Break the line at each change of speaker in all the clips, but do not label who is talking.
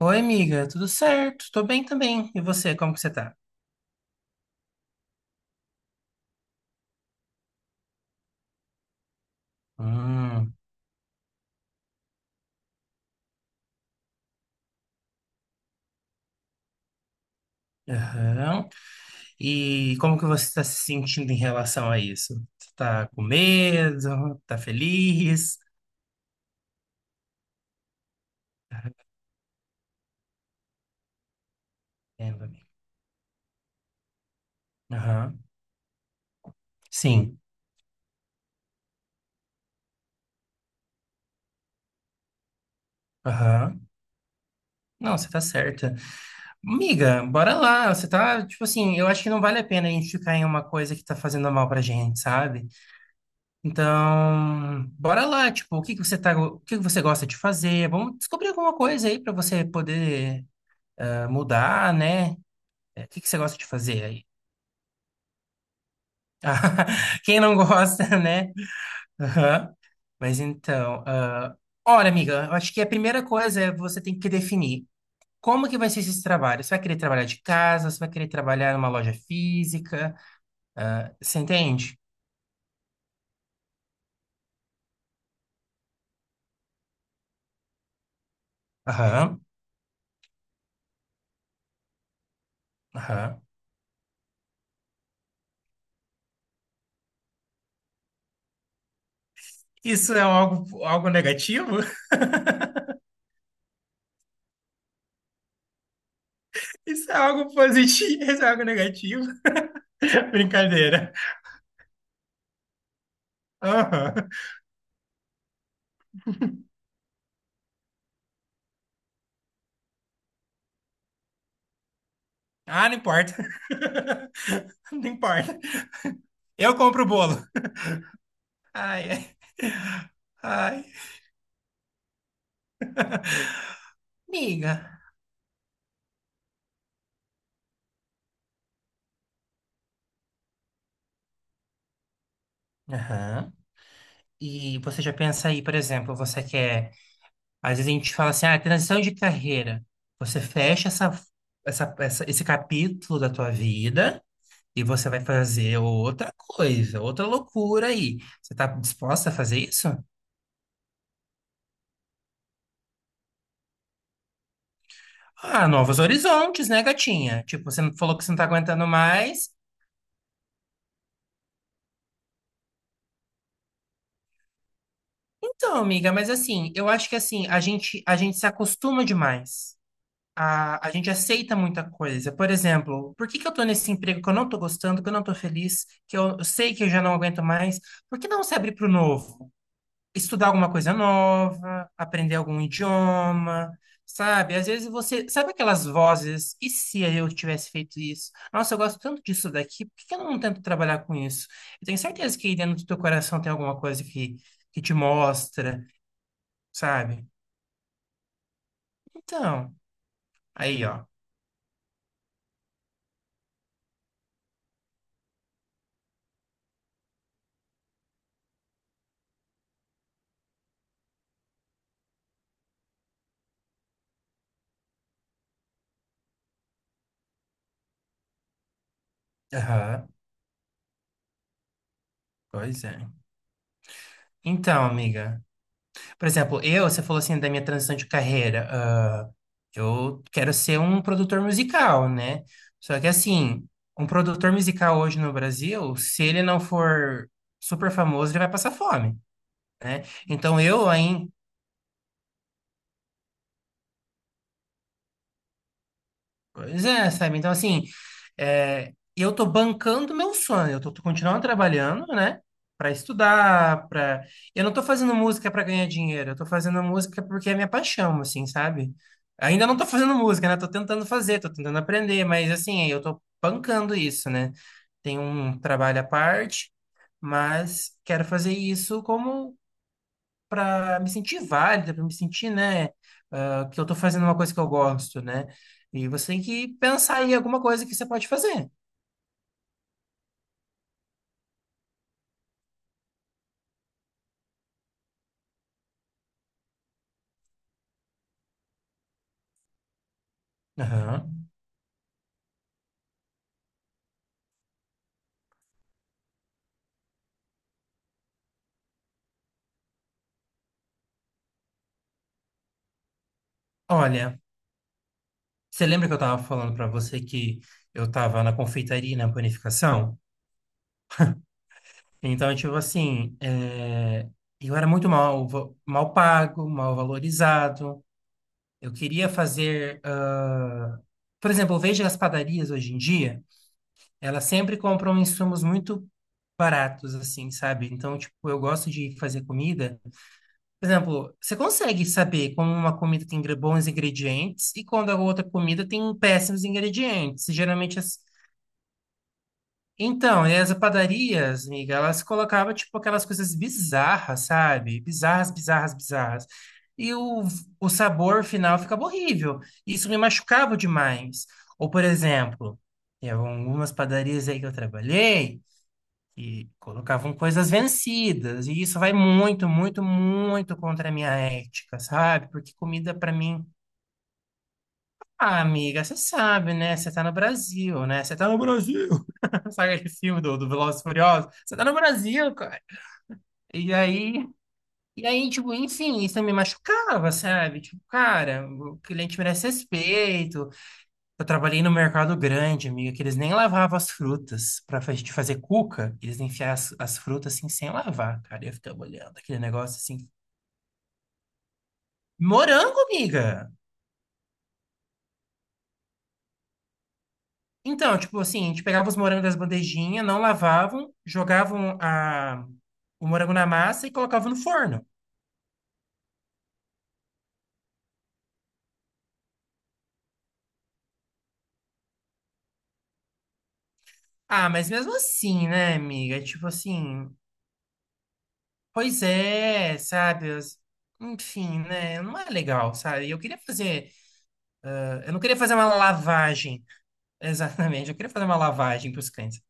Oi, amiga, tudo certo? Tô bem também. E você, como que você tá? Hum, aham. E como que você tá se sentindo em relação a isso? Você tá com medo? Tá feliz? Entendo, amiga. Aham. Sim. Aham. Não, você tá certa. Amiga, bora lá. Você tá, tipo assim, eu acho que não vale a pena a gente ficar em uma coisa que tá fazendo mal pra gente, sabe? Então, bora lá, tipo, o que que você gosta de fazer? Vamos descobrir alguma coisa aí pra você poder mudar, né? É, o que que você gosta de fazer aí? Quem não gosta, né? Aham. Mas então, olha, amiga, eu acho que a primeira coisa é você tem que definir como que vai ser esse trabalho. Você vai querer trabalhar de casa? Você vai querer trabalhar numa loja física? Ah, você entende? Aham, aham. Isso é algo negativo? Isso é algo positivo? Isso é algo negativo? Brincadeira. Aham. Ah, não importa. Não importa. Eu compro o bolo. Ai, ai. Ai, amiga. Aham. E você já pensa aí, por exemplo, você quer. Às vezes a gente fala assim, transição de carreira. Você fecha esse capítulo da tua vida e você vai fazer outra coisa, outra loucura aí. Você tá disposta a fazer isso? Ah, novos horizontes, né, gatinha? Tipo, você não falou que você não tá aguentando mais. Então, amiga, mas assim, eu acho que assim, a gente se acostuma demais. A gente aceita muita coisa. Por exemplo, por que que eu tô nesse emprego que eu não tô gostando, que eu não tô feliz, que eu sei que eu já não aguento mais? Por que não se abrir para o novo? Estudar alguma coisa nova, aprender algum idioma, sabe? Às vezes você... Sabe aquelas vozes? E se eu tivesse feito isso? Nossa, eu gosto tanto disso daqui, por que que eu não tento trabalhar com isso? Eu tenho certeza que aí dentro do teu coração tem alguma coisa que te mostra, sabe? Então, aí, ó. Aham, pois é. Então, amiga, por exemplo, você falou assim da minha transição de carreira. Eu quero ser um produtor musical, né? Só que assim, um produtor musical hoje no Brasil, se ele não for super famoso, ele vai passar fome, né? Então, pois é, sabe? Então, assim, eu tô bancando meu sonho, eu tô continuando trabalhando, né? Pra estudar, pra... Eu não tô fazendo música pra ganhar dinheiro, eu tô fazendo música porque é minha paixão, assim, sabe? Ainda não tô fazendo música, né? Tô tentando fazer, tô tentando aprender, mas, assim, eu tô bancando isso, né? Tem um trabalho à parte, mas quero fazer isso como para me sentir válida, para me sentir, né, que eu tô fazendo uma coisa que eu gosto, né? E você tem que pensar em alguma coisa que você pode fazer. Aham. Olha, você lembra que eu tava falando para você que eu tava na confeitaria, e na panificação? Então, tipo assim, eu era muito mal pago, mal valorizado. Eu queria fazer, por exemplo, eu vejo as padarias hoje em dia. Ela sempre compram insumos muito baratos, assim, sabe? Então, tipo, eu gosto de fazer comida. Por exemplo, você consegue saber como uma comida tem bons ingredientes e quando a outra comida tem péssimos ingredientes. Geralmente, então, e as padarias, amiga, elas colocavam, tipo, aquelas coisas bizarras, sabe? Bizarras, bizarras, bizarras. E o sabor final ficava horrível. Isso me machucava demais. Ou, por exemplo, em algumas padarias aí que eu trabalhei, que colocavam coisas vencidas, e isso vai muito, muito, muito contra a minha ética, sabe? Porque comida pra mim, amiga, você sabe, né? Você tá no Brasil, né? Você tá no Brasil. Sabe aquele filme do Velozes e Furiosos? Você tá no Brasil, cara. E aí, e aí, tipo, enfim, isso me machucava, sabe? Tipo, cara, o cliente merece respeito. Eu trabalhei no mercado grande, amiga, que eles nem lavavam as frutas. Pra gente fazer cuca, eles enfiavam as frutas assim sem lavar, cara. Eu ficava olhando aquele negócio assim. Morango, amiga! Então, tipo assim, a gente pegava os morangos das bandejinhas, não lavavam, jogavam o morango na massa e colocavam no forno. Ah, mas mesmo assim, né, amiga? Tipo assim, pois é, sabe? Enfim, né? Não é legal, sabe? Eu queria fazer. Eu não queria fazer uma lavagem. Exatamente, eu queria fazer uma lavagem para os cães.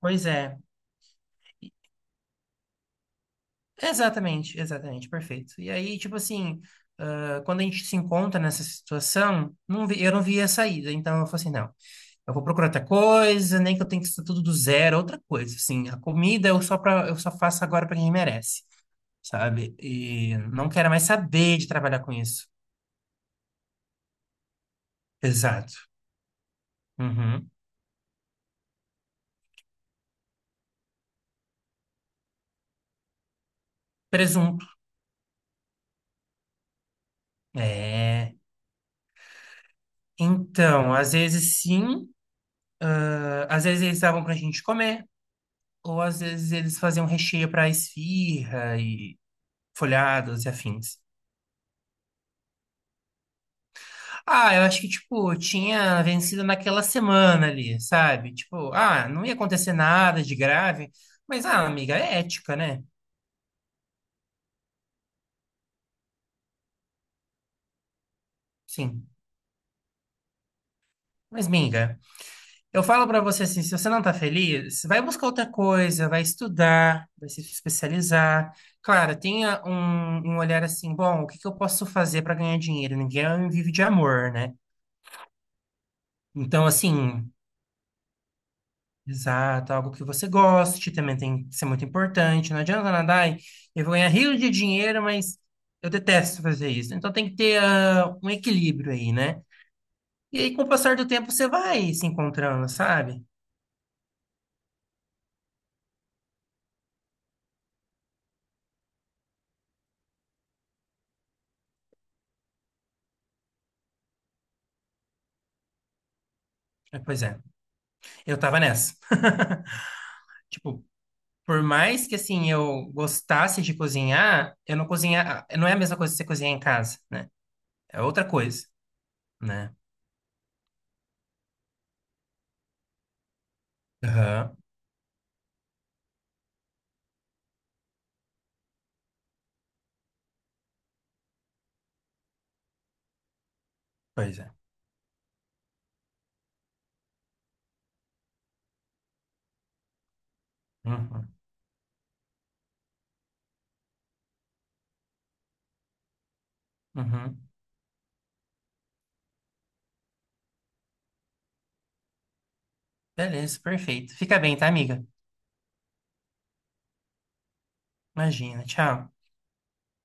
Pois é, exatamente, exatamente, perfeito. E aí, tipo assim, quando a gente se encontra nessa situação, eu não via saída, então eu falei assim, não, eu vou procurar outra coisa, nem que eu tenha que estar tudo do zero, é outra coisa, assim, a comida eu só faço agora para quem merece, sabe? E não quero mais saber de trabalhar com isso. Exato. Uhum. Presunto. É. Então, às vezes sim, às vezes eles davam pra gente comer. Ou às vezes eles faziam recheio para esfirra e folhados e afins. Ah, eu acho que, tipo, tinha vencido naquela semana ali, sabe? Tipo, não ia acontecer nada de grave, mas, amiga, é ética, né? Sim. Mas, amiga, eu falo pra você assim, se você não tá feliz, vai buscar outra coisa, vai estudar, vai se especializar. Claro, tenha um olhar assim, bom, o que que eu posso fazer pra ganhar dinheiro? Ninguém vive de amor, né? Então, assim, exato, algo que você goste também tem que ser muito importante. Não adianta nada, ai, eu vou ganhar rios de dinheiro, mas eu detesto fazer isso. Então tem que ter um equilíbrio aí, né? E aí, com o passar do tempo, você vai se encontrando, sabe? Pois é, eu tava nessa. Tipo, por mais que assim eu gostasse de cozinhar, eu não cozinhar, não é a mesma coisa que você cozinhar em casa, né? É outra coisa, né? Aham, pois é. Uhum, uhum. Beleza, perfeito. Fica bem, tá, amiga? Imagina, tchau.